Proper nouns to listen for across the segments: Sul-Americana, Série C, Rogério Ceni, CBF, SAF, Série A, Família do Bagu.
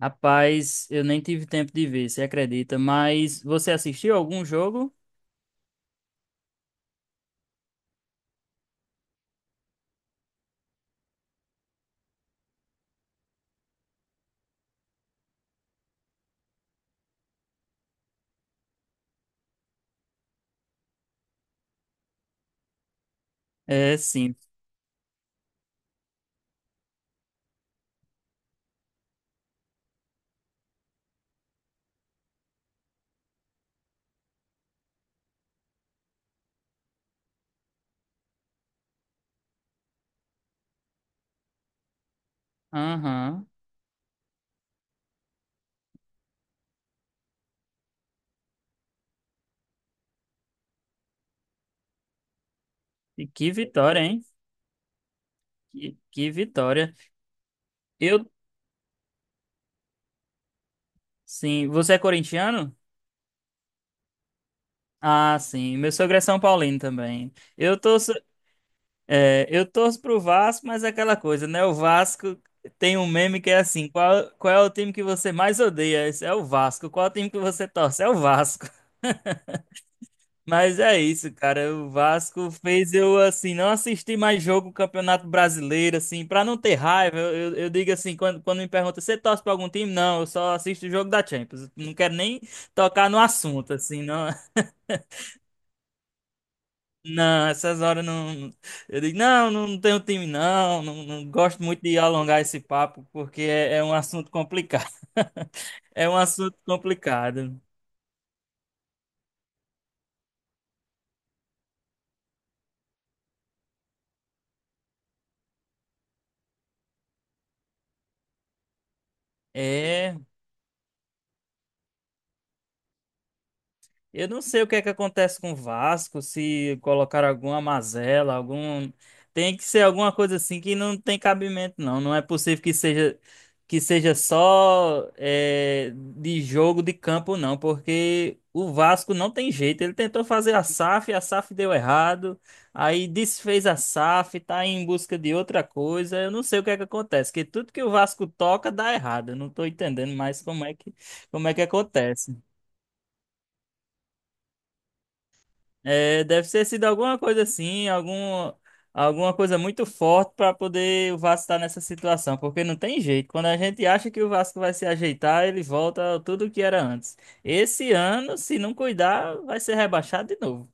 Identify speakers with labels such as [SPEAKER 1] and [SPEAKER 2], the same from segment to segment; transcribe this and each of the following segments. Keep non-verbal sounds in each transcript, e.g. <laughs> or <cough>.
[SPEAKER 1] Rapaz, eu nem tive tempo de ver, você acredita? Mas você assistiu algum jogo? É, sim. Aham. E que vitória, hein? Que vitória. Eu, sim. Você é corintiano? Ah, sim. Meu sogro é São Paulino também. Eu torço pro Vasco, mas é aquela coisa, né? O Vasco tem um meme que é assim: qual é o time que você mais odeia? Esse é o Vasco. Qual é o time que você torce? É o Vasco. Mas é isso, cara. O Vasco fez eu, assim, não assistir mais jogo do Campeonato Brasileiro, assim, pra não ter raiva. Eu digo assim, quando me perguntam, você torce pra algum time? Não, eu só assisto o jogo da Champions. Eu não quero nem tocar no assunto, assim, não. <laughs> Não, essas horas não. Eu digo, não, não tenho time, não. Não, não gosto muito de alongar esse papo, porque é um assunto complicado. <laughs> É um assunto complicado. É. Eu não sei o que é que acontece com o Vasco, se colocar alguma mazela, algum. Tem que ser alguma coisa assim que não tem cabimento, não. Não é possível que seja só é, de jogo de campo, não, porque o Vasco não tem jeito. Ele tentou fazer a SAF deu errado, aí desfez a SAF, tá em busca de outra coisa. Eu não sei o que é que acontece, que tudo que o Vasco toca dá errado. Eu não tô entendendo mais como é que acontece. É, deve ter sido alguma coisa assim, alguma coisa muito forte para poder o Vasco estar nessa situação, porque não tem jeito. Quando a gente acha que o Vasco vai se ajeitar, ele volta ao tudo que era antes. Esse ano, se não cuidar, vai ser rebaixado de novo.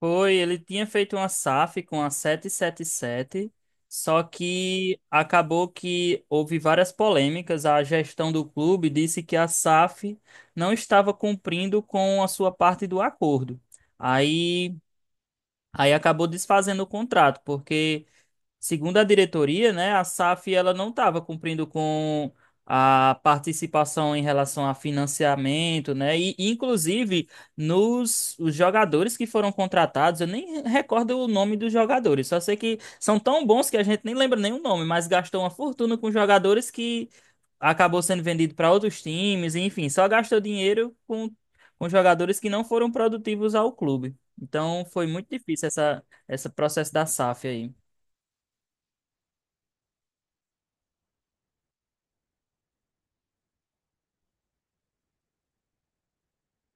[SPEAKER 1] Foi, ele tinha feito uma SAF com a 777, só que acabou que houve várias polêmicas. A gestão do clube disse que a SAF não estava cumprindo com a sua parte do acordo. Aí Aí acabou desfazendo o contrato, porque, segundo a diretoria, né, a SAF ela não estava cumprindo com a participação em relação a financiamento, né? E, inclusive, nos os jogadores que foram contratados, eu nem recordo o nome dos jogadores, só sei que são tão bons que a gente nem lembra nem o nome, mas gastou uma fortuna com jogadores que acabou sendo vendido para outros times, enfim, só gastou dinheiro com jogadores que não foram produtivos ao clube. Então foi muito difícil esse processo da SAF aí.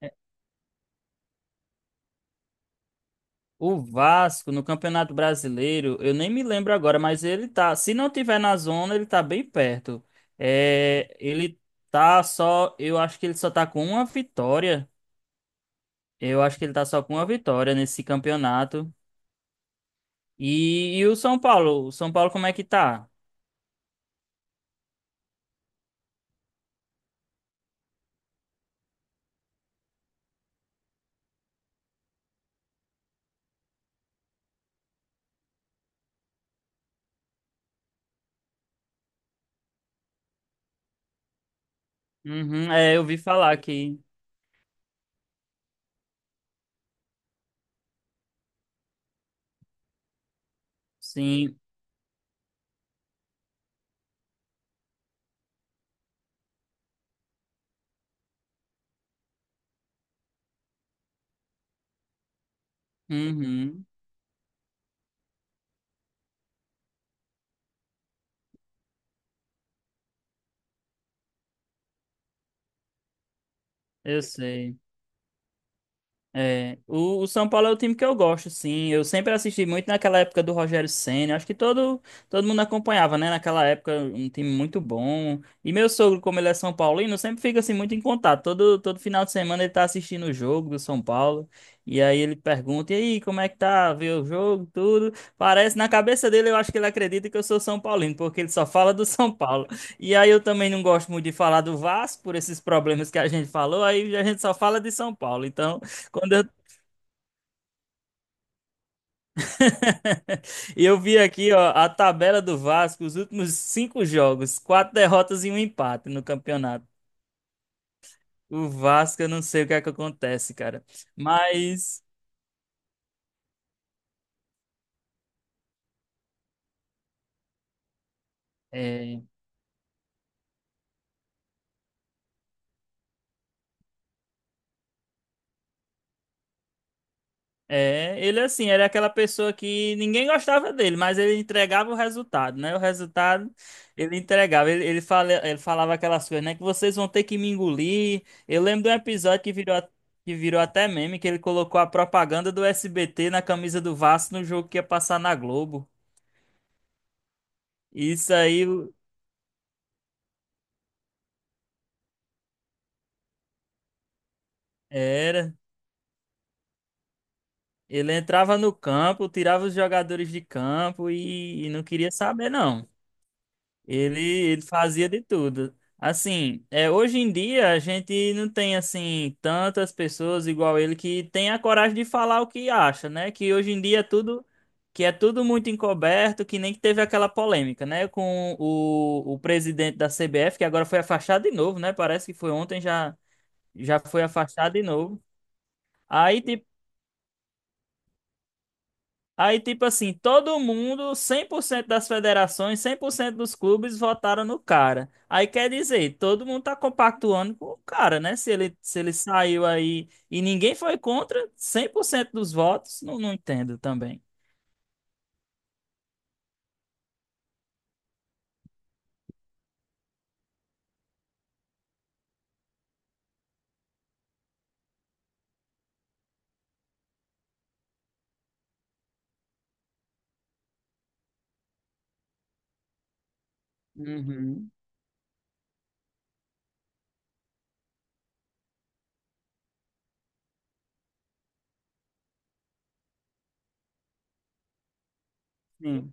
[SPEAKER 1] É. O Vasco no Campeonato Brasileiro, eu nem me lembro agora, mas ele tá, se não tiver na zona, ele tá bem perto. É, ele tá só, eu acho que ele só tá com uma vitória. Eu acho que ele tá só com uma vitória nesse campeonato. E o São Paulo como é que tá? Uhum, eu vi falar que sim. Uhum. Eu sei. É, o São Paulo é o time que eu gosto, sim. Eu sempre assisti muito naquela época do Rogério Ceni. Acho que todo mundo acompanhava, né? Naquela época, um time muito bom. E meu sogro, como ele é São Paulino, sempre fica assim muito em contato. Todo final de semana ele tá assistindo o jogo do São Paulo. E aí ele pergunta: E aí, como é que tá? Vê o jogo, tudo. Parece, na cabeça dele, eu acho que ele acredita que eu sou São Paulino, porque ele só fala do <laughs> São Paulo. E aí eu também não gosto muito de falar do Vasco, por esses problemas que a gente falou. Aí a gente só fala de São Paulo. Então. Quando eu. <laughs> Eu vi aqui, ó, a tabela do Vasco, os últimos cinco jogos, quatro derrotas e um empate no campeonato. O Vasco, eu não sei o que é que acontece, cara. Mas. é, É, ele assim, era aquela pessoa que ninguém gostava dele, mas ele entregava o resultado, né? O resultado ele entregava. Ele falava aquelas coisas, né? Que vocês vão ter que me engolir. Eu lembro de um episódio que virou, que virou até meme, que ele colocou a propaganda do SBT na camisa do Vasco no jogo que ia passar na Globo. Isso aí era. Ele entrava no campo, tirava os jogadores de campo e não queria saber, não. Ele, ele fazia de tudo. Assim, hoje em dia a gente não tem assim tantas pessoas igual ele que tem a coragem de falar o que acha, né? Que hoje em dia é tudo que é tudo muito encoberto, que nem que teve aquela polêmica, né? Com o presidente da CBF, que agora foi afastado de novo, né? Parece que foi ontem, já foi afastado de novo. Aí, Aí, tipo assim, todo mundo, 100% das federações, 100% dos clubes votaram no cara. Aí quer dizer, todo mundo tá compactuando com o cara, né? Se ele saiu aí e ninguém foi contra, 100% dos votos, não entendo também. Uhum, sim.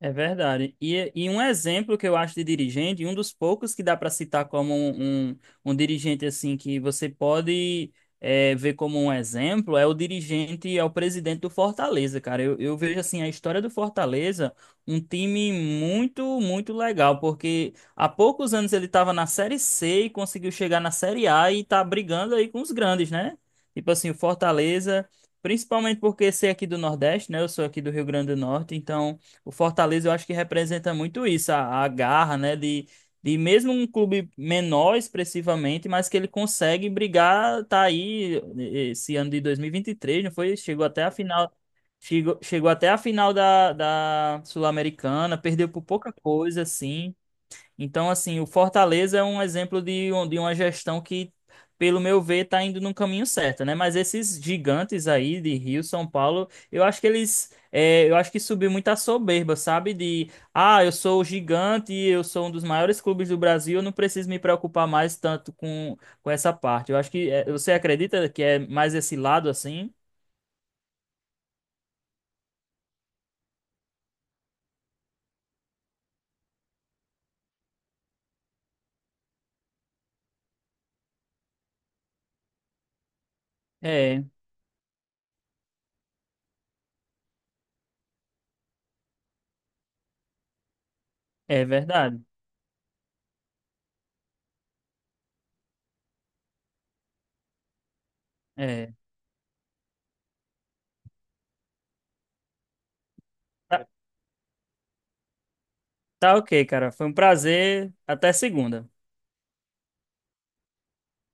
[SPEAKER 1] É verdade. E um exemplo que eu acho de dirigente, e um dos poucos que dá para citar como um, dirigente assim que você pode ver como um exemplo, é o dirigente, é o presidente do Fortaleza, cara. Eu vejo assim a história do Fortaleza, um time muito, muito legal, porque há poucos anos ele estava na Série C e conseguiu chegar na Série A e tá brigando aí com os grandes, né? Tipo assim, o Fortaleza, principalmente porque ser aqui do Nordeste, né? Eu sou aqui do Rio Grande do Norte, então. O Fortaleza eu acho que representa muito isso, a garra, né? De mesmo um clube menor expressivamente, mas que ele consegue brigar, tá aí esse ano de 2023, não foi? Chegou até a final, chegou até a final da Sul-Americana, perdeu por pouca coisa, assim. Então, assim, o Fortaleza é um exemplo de, de uma gestão que, pelo meu ver, está indo no caminho certo, né? Mas esses gigantes aí de Rio, São Paulo, eu acho que subiu muita soberba, sabe? Eu sou o gigante, eu sou um dos maiores clubes do Brasil, eu não preciso me preocupar mais tanto com, essa parte. Eu acho que, você acredita que é mais esse lado assim? É, é verdade. É. Tá, tá ok, cara. Foi um prazer. Até segunda.